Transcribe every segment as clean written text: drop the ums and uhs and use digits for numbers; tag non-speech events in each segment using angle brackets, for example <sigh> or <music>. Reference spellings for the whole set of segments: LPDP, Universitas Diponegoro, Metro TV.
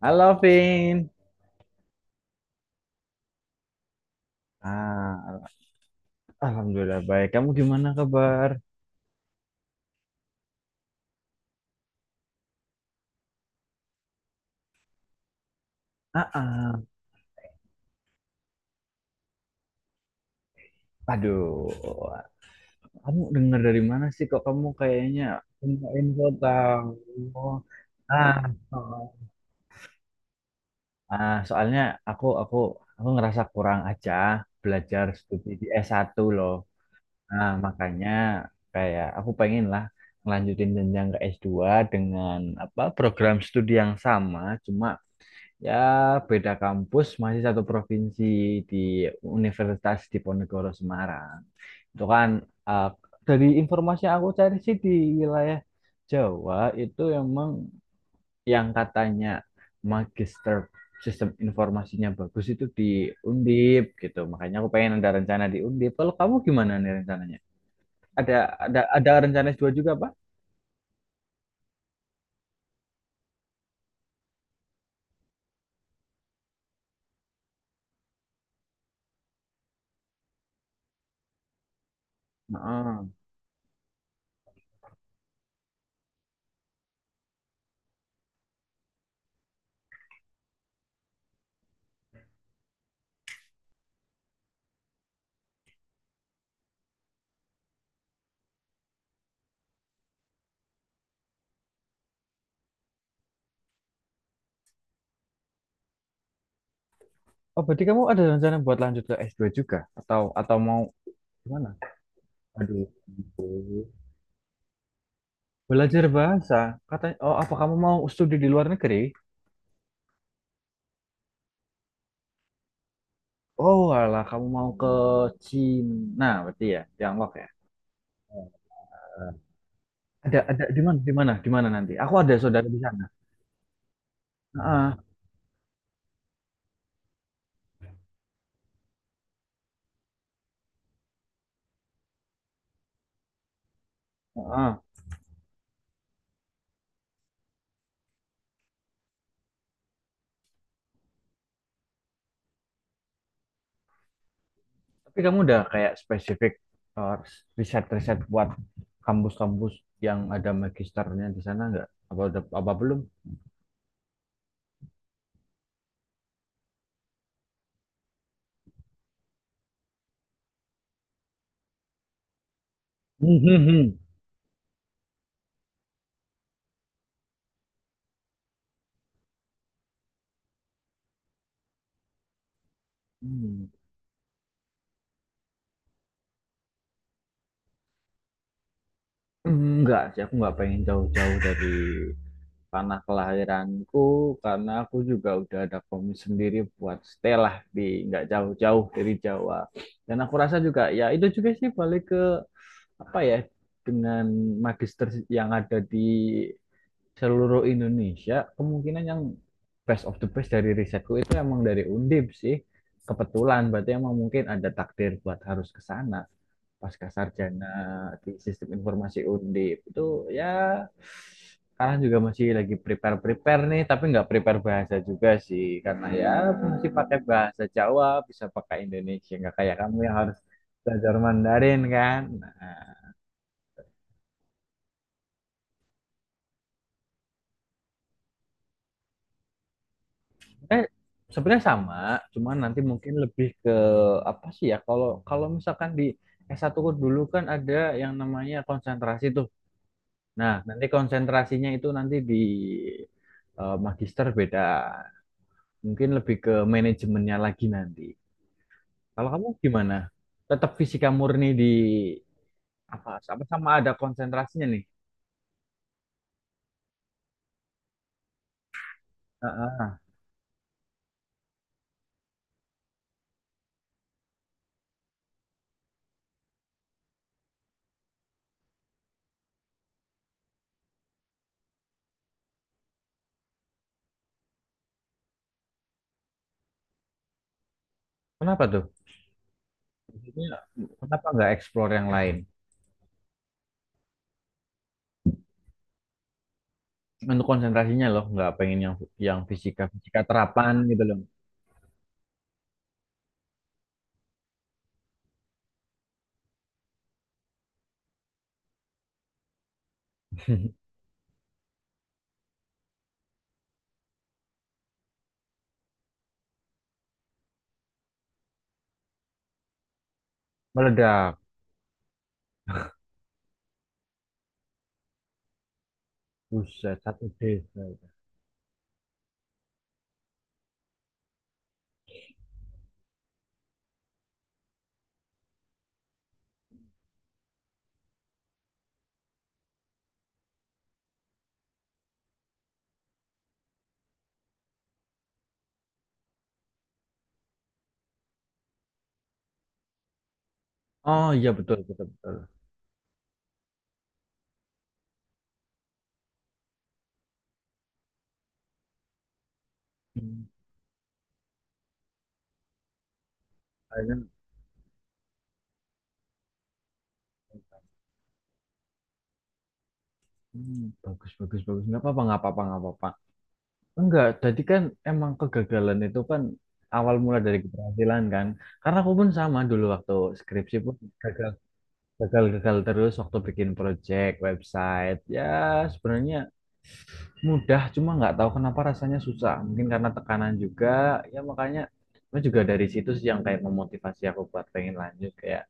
Halo, Vin. Ah, alhamdulillah baik. Kamu gimana kabar? Ah, ah. Aduh, kamu dengar dari mana sih kok kamu kayaknya punya info tahu? Ah, oh. Soalnya aku aku aku ngerasa kurang aja belajar studi di s satu loh. Nah, makanya kayak aku pengen lah ngelanjutin jenjang ke s dua dengan apa program studi yang sama, cuma ya, beda kampus, masih satu provinsi di Universitas Diponegoro Semarang. Itu kan eh, dari informasi yang aku cari sih di wilayah Jawa itu emang yang katanya magister sistem informasinya bagus itu di Undip gitu. Makanya aku pengen ada rencana di Undip. Kalau kamu gimana nih rencananya? Ada ada rencana s dua juga, Pak? Heeh. Oh, berarti kamu ada rencana buat lanjut ke s dua juga atau mau gimana? Aduh. Belajar bahasa, katanya, oh apa kamu mau studi di luar negeri? Oh alah, kamu mau ke Cina, berarti ya, Tiongkok ya. Ada di mana, di mana, di mana nanti? Aku ada saudara di sana. Heeh, heeh. Tapi kamu udah kayak spesifik eh, riset-riset buat kampus-kampus yang ada magisternya di sana nggak? Apa udah, apa belum? Hmm, hmm, hmm. Hmm. Enggak sih, aku nggak pengen jauh-jauh dari tanah kelahiranku karena aku juga udah ada komis sendiri buat stay lah di nggak jauh-jauh dari Jawa, dan aku rasa juga ya itu juga sih balik ke apa ya dengan magister yang ada di seluruh Indonesia kemungkinan yang best of the best dari risetku itu emang dari Undip sih, kebetulan berarti emang mungkin ada takdir buat harus ke sana pasca sarjana di sistem informasi Undip itu ya. Sekarang juga masih lagi prepare prepare nih, tapi nggak prepare bahasa juga sih karena ya masih pakai bahasa Jawa, bisa pakai Indonesia, nggak kayak kamu yang harus belajar Mandarin kan. Nah, Eh, sebenarnya sama, cuman nanti mungkin lebih ke apa sih ya? Kalau kalau misalkan di S1 dulu kan ada yang namanya konsentrasi tuh. Nah, nanti konsentrasinya itu nanti di magister beda. Mungkin lebih ke manajemennya lagi nanti. Kalau kamu gimana? Tetap fisika murni di apa? Sama sama ada konsentrasinya nih. Heeh. Kenapa tuh? Maksudnya, kenapa nggak explore yang lain? Untuk konsentrasinya loh, nggak pengen yang fisika fisika terapan gitu loh. <laughs> Meledak, buset satu desa. Oh iya betul betul betul. Hmm, akhirnya, hmm, bagus bagus bagus, nggak apa-apa nggak apa-apa nggak apa-apa, enggak jadi kan emang kegagalan itu kan awal mula dari keberhasilan kan karena aku pun sama dulu waktu skripsi pun gagal, gagal-gagal terus waktu bikin project website ya. Sebenarnya mudah, cuma nggak tahu kenapa rasanya susah, mungkin karena tekanan juga ya, makanya itu juga dari situ sih yang kayak memotivasi aku buat pengen lanjut kayak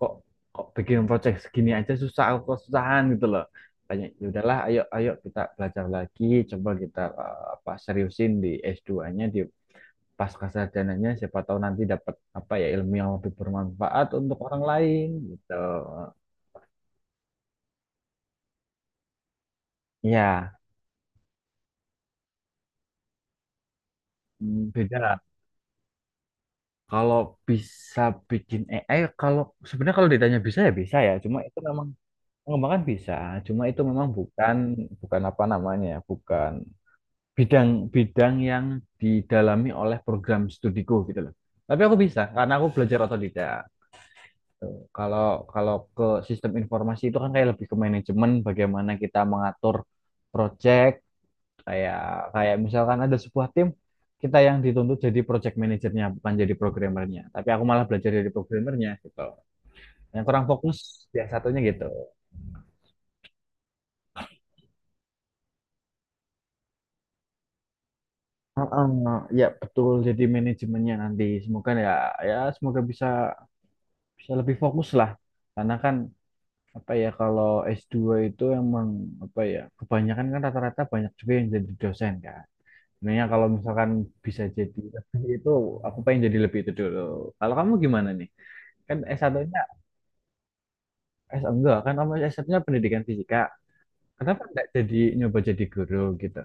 kok kok bikin project segini aja susah, aku kesusahan gitu loh. Kayak ya udahlah, ayo ayo kita belajar lagi, coba kita apa seriusin di s dua nya, di pasca sarjananya siapa tahu nanti dapat apa ya ilmu yang lebih bermanfaat untuk orang lain gitu. Iya. Hmm, beda lah. Kalau bisa bikin AI, kalau sebenarnya kalau ditanya bisa ya bisa ya. Cuma itu memang pengembangan bisa. Cuma itu memang bukan bukan apa namanya, ya, bukan bidang-bidang yang didalami oleh program studiku gitu loh. Tapi aku bisa karena aku belajar otodidak. Tuh. Kalau kalau ke sistem informasi itu kan kayak lebih ke manajemen, bagaimana kita mengatur proyek, kayak kayak misalkan ada sebuah tim kita yang dituntut jadi project manajernya bukan jadi programmernya tapi aku malah belajar jadi programmernya gitu, yang kurang fokus ya satunya gitu. Ya betul, jadi manajemennya nanti semoga ya semoga bisa bisa lebih fokus lah karena kan apa ya kalau s dua itu emang apa ya kebanyakan kan rata-rata banyak juga yang jadi dosen kan sebenarnya kalau misalkan bisa jadi lebih itu, aku pengen jadi lebih itu dulu. Kalau kamu gimana nih, kan S1 enggak kan kamu S-nya pendidikan fisika. Kenapa enggak jadi nyoba jadi guru gitu?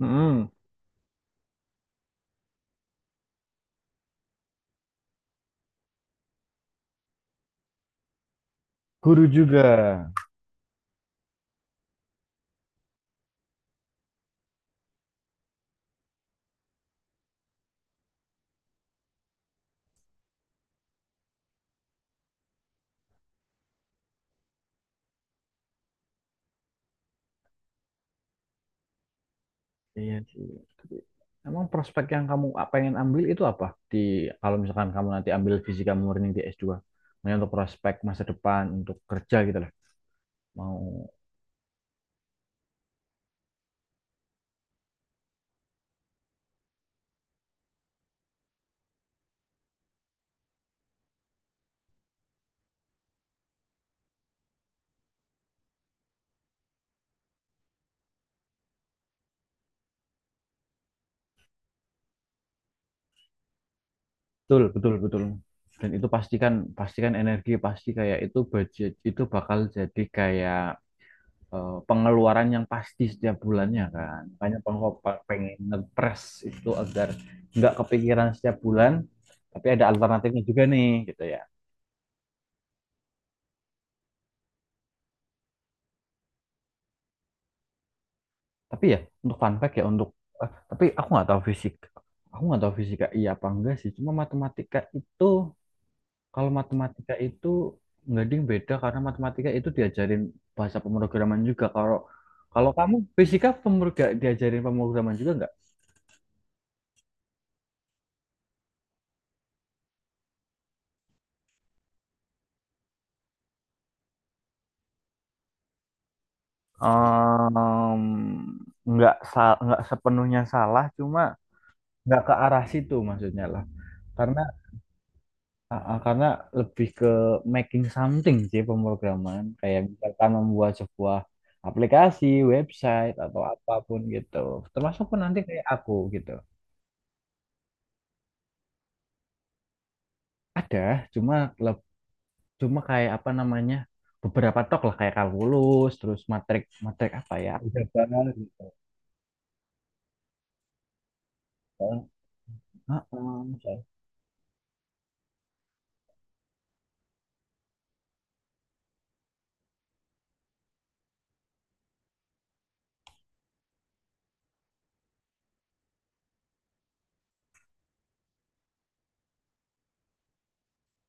Mm-mm. Guru juga. Iya sih. Tapi emang prospek yang kamu pengen ambil itu apa? Di kalau misalkan kamu nanti ambil fisika murni di S2, maksudnya untuk prospek masa depan, untuk kerja gitu lah. Mau betul betul betul. Dan itu pastikan pastikan energi pasti kayak itu budget itu bakal jadi kayak pengeluaran yang pasti setiap bulannya kan. Makanya pengen ngepres itu agar nggak kepikiran setiap bulan, tapi ada alternatifnya juga nih gitu ya. Tapi ya untuk fun fact ya untuk tapi aku nggak tahu fisik. Aku nggak tahu fisika iya apa enggak sih. Cuma matematika itu, kalau matematika itu nggak ding beda karena matematika itu diajarin bahasa pemrograman juga. Kalau kalau kamu fisika diajarin pemrograman juga nggak? Em, nggak nggak sepenuhnya salah, cuma nggak ke arah situ maksudnya lah karena karena lebih ke making something sih pemrograman kayak misalkan membuat sebuah aplikasi website atau apapun gitu termasuk pun nanti kayak aku gitu. Ada, cuma leb- cuma kayak apa namanya beberapa tok lah kayak kalkulus terus matrik matrik apa ya aljabar gitu. Heeh,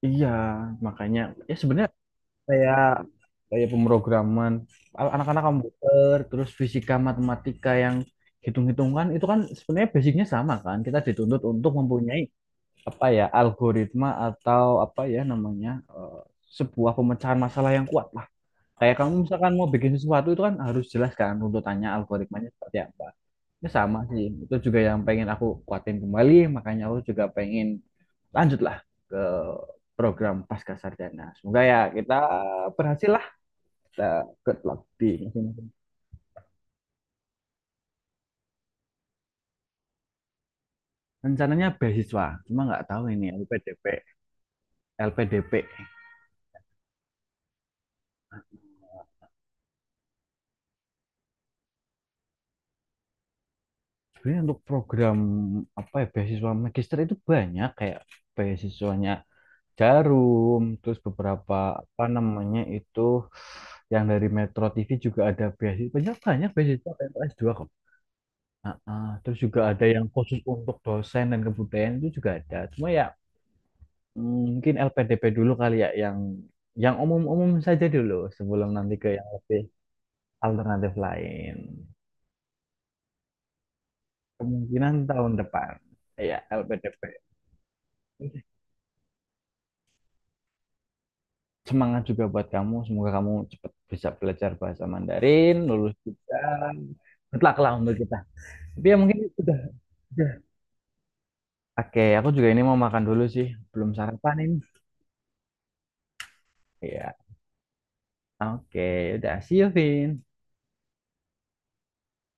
iya makanya ya sebenarnya kayak kayak pemrograman anak-anak komputer terus fisika matematika yang hitung-hitungan itu kan sebenarnya basicnya sama kan, kita dituntut untuk mempunyai apa ya algoritma atau apa ya namanya eh, sebuah pemecahan masalah yang kuat lah. Kayak kamu misalkan mau bikin sesuatu itu kan harus jelas kan runtutannya algoritmanya seperti apa, ya sama sih itu juga yang pengen aku kuatin kembali makanya aku juga pengen lanjutlah ke program pasca sarjana, semoga ya kita berhasil lah, kita ikut lagi masing-masing. Rencananya beasiswa, cuma nggak tahu ini LPDP LPDP Sebenarnya untuk program apa ya beasiswa magister itu banyak kayak beasiswanya Jarum, terus beberapa apa namanya itu yang dari Metro TV juga ada beasiswa, banyak banyak beasiswa kayak untuk S2 kok. Ah. Terus juga ada yang khusus untuk dosen dan kebudayaan itu juga ada cuma ya mungkin LPDP dulu kali ya yang umum-umum saja dulu sebelum nanti ke yang lebih alternatif lain. Kemungkinan tahun depan. Ya, LPDP. Semangat juga buat kamu. Semoga kamu cepat bisa belajar bahasa Mandarin, lulus juga. Good luck lah untuk kita. Tapi ya mungkin udah, udah. Oke, aku juga ini mau makan dulu sih. Belum sarapan ini. Ya. Oke, udah. See you, Vin.